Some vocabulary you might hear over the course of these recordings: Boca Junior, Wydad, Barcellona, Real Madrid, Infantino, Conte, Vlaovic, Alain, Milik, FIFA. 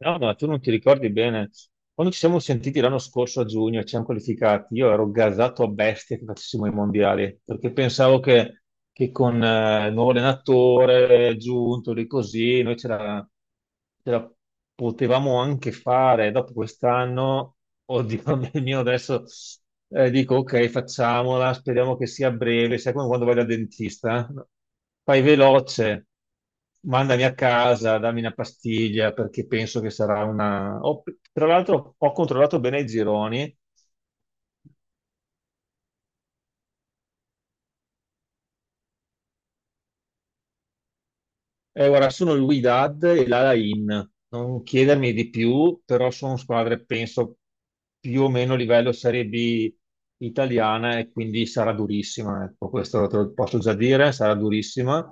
No, ma tu non ti ricordi bene. Quando ci siamo sentiti l'anno scorso a giugno e ci siamo qualificati, io ero gasato a bestia che facessimo i mondiali, perché pensavo che con il nuovo allenatore giunto lì così, noi ce la potevamo anche fare. Dopo quest'anno oddio, mio, adesso dico ok, facciamola, speriamo che sia breve. Sai come quando vai dal dentista, no? Fai veloce, mandami a casa, dammi una pastiglia perché penso che sarà una... tra l'altro ho controllato bene i gironi. Guarda, sono il Wydad e l'Alain. Non chiedermi di più, però sono squadre, penso, più o meno a livello Serie B italiana e quindi sarà durissima. Ecco, questo te lo posso già dire, sarà durissima.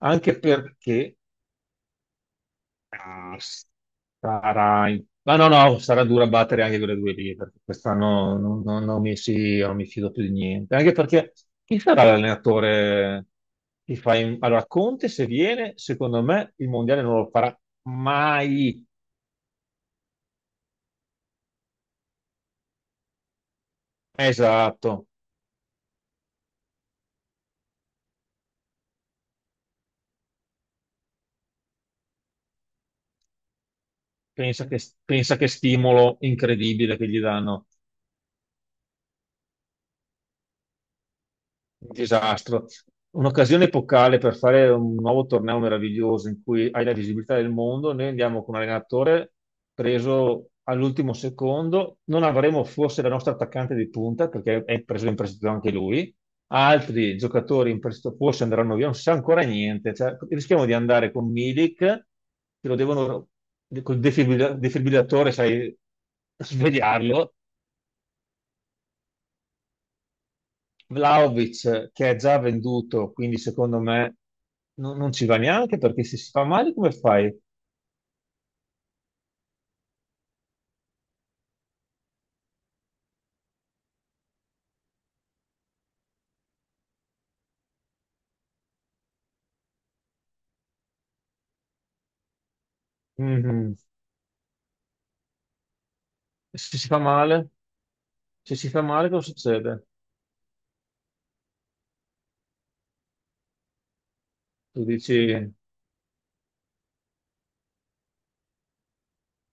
Anche perché ah, sarà... Ma no, no, sarà dura battere anche quelle due lì, perché quest'anno non mi fido più di niente. Anche perché chi sarà l'allenatore che fa... Allora, Conte se viene, secondo me il Mondiale non lo farà mai. Esatto. Pensa che stimolo incredibile che gli danno. Un disastro. Un'occasione epocale per fare un nuovo torneo meraviglioso in cui hai la visibilità del mondo. Noi andiamo con un allenatore preso all'ultimo secondo. Non avremo forse la nostra attaccante di punta perché è preso in prestito anche lui. Altri giocatori in prestito forse andranno via, non si sa ancora niente. Cioè, rischiamo di andare con Milik, che lo devono col defibrillatore, sai, svegliarlo. Vlaovic che è già venduto, quindi secondo me non ci va neanche, perché se si fa male come fai? Mhm. Se si fa male, se si fa male cosa succede? Tu dici,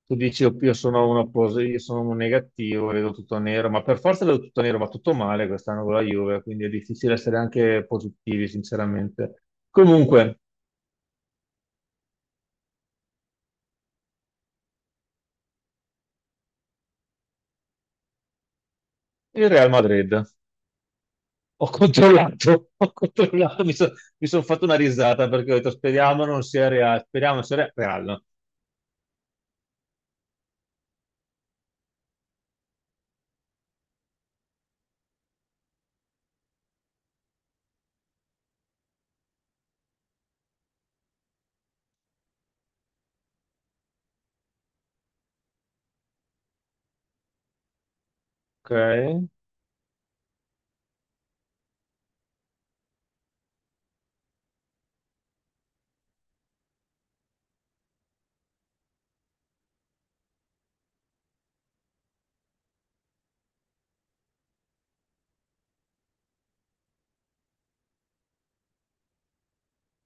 tu dici: "Oh, io sono una io sono un negativo, vedo tutto nero, ma per forza vedo tutto nero, ma tutto male quest'anno con la Juve, quindi è difficile essere anche positivi, sinceramente". Comunque, il Real Madrid. Ho controllato, mi sono fatto una risata perché ho detto speriamo non sia reale, speriamo non sia reale. Ok?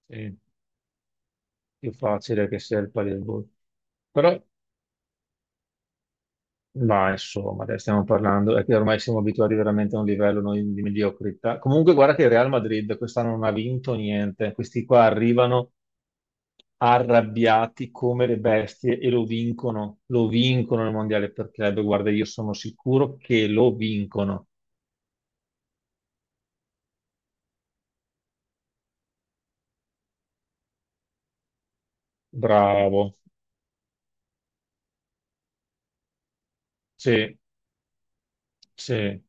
Sì, più facile che sia il palesboard. Però, ma insomma, adesso stiamo parlando, è che ormai siamo abituati veramente a un livello noi di mediocrità. Comunque guarda che il Real Madrid quest'anno non ha vinto niente, questi qua arrivano arrabbiati come le bestie e lo vincono il mondiale per club, guarda, io sono sicuro che lo vincono. Bravo. Sì, sì.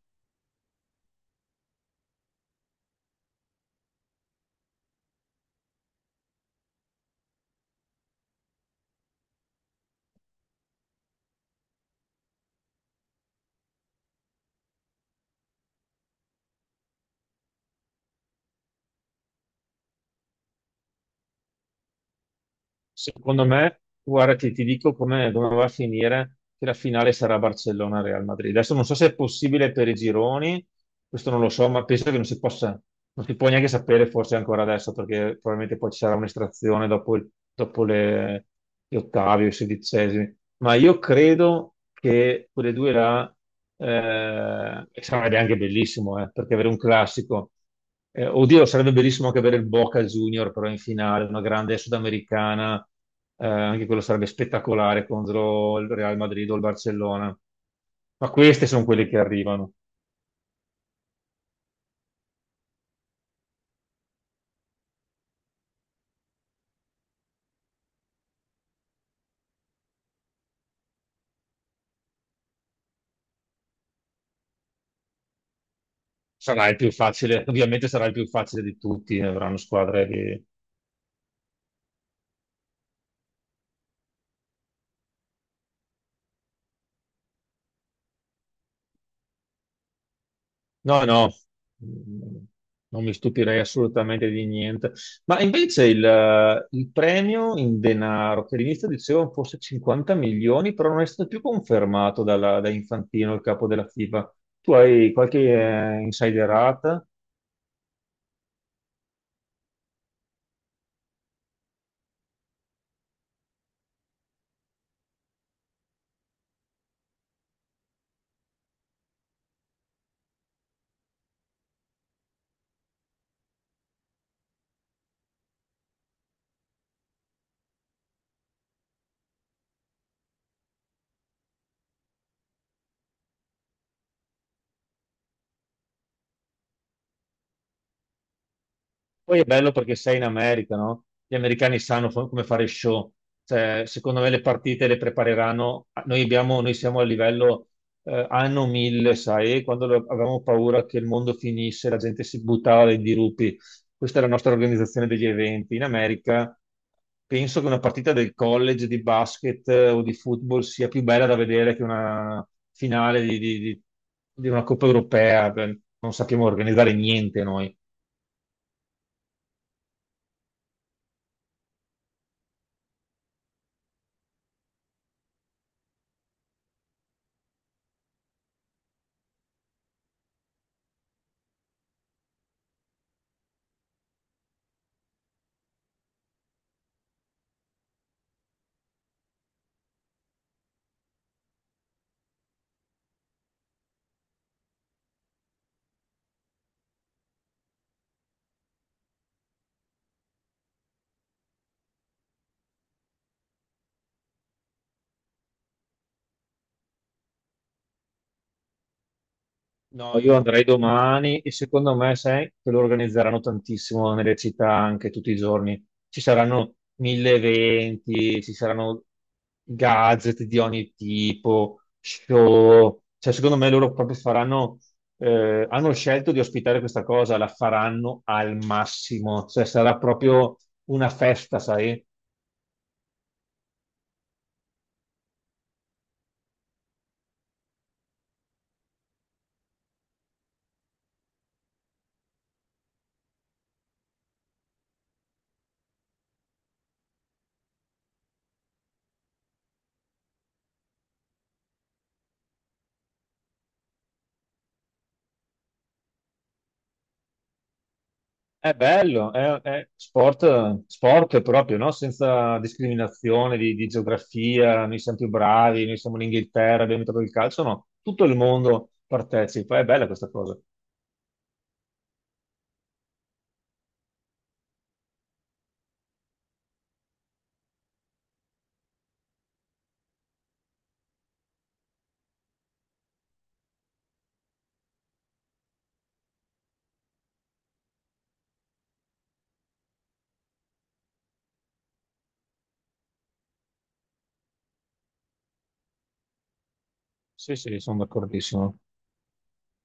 Secondo me, guarda, ti dico come come va a finire, che la finale sarà Barcellona-Real Madrid. Adesso non so se è possibile per i gironi, questo non lo so, ma penso che non si possa, non si può neanche sapere forse ancora adesso, perché probabilmente poi ci sarà un'estrazione dopo, dopo gli ottavi o i sedicesimi. Ma io credo che quelle due là, sarebbe anche bellissimo, perché avere un classico. Oddio, sarebbe bellissimo anche avere il Boca Junior però in finale, una grande sudamericana, anche quello sarebbe spettacolare contro il Real Madrid o il Barcellona. Ma queste sono quelle che arrivano. Sarà il più facile, ovviamente sarà il più facile di tutti, ne avranno squadre che... No, no, mm, non mi stupirei assolutamente di niente. Ma invece il premio in denaro, che all'inizio dicevano fosse 50 milioni, però non è stato più confermato da Infantino, il capo della FIFA. Tu hai qualche insiderata? Poi è bello perché sei in America, no? Gli americani sanno come fare show. Cioè, secondo me le partite le prepareranno. Noi siamo a livello anno 1000, sai? Avevamo paura che il mondo finisse, la gente si buttava dai dirupi. Questa è la nostra organizzazione degli eventi. In America penso che una partita del college di basket o di football sia più bella da vedere che una finale di una Coppa europea. Beh, non sappiamo organizzare niente noi. No, io andrei domani e secondo me, sai, che lo organizzeranno tantissimo nelle città anche tutti i giorni. Ci saranno mille eventi, ci saranno gadget di ogni tipo, show. Cioè, secondo me loro proprio faranno, hanno scelto di ospitare questa cosa, la faranno al massimo. Cioè, sarà proprio una festa, sai? È bello, è sport, sport proprio, no? Senza discriminazione di geografia, noi siamo più bravi, noi siamo in Inghilterra, abbiamo trovato il calcio, no, tutto il mondo partecipa, è bella questa cosa. Sì, sì, sono d'accordissimo.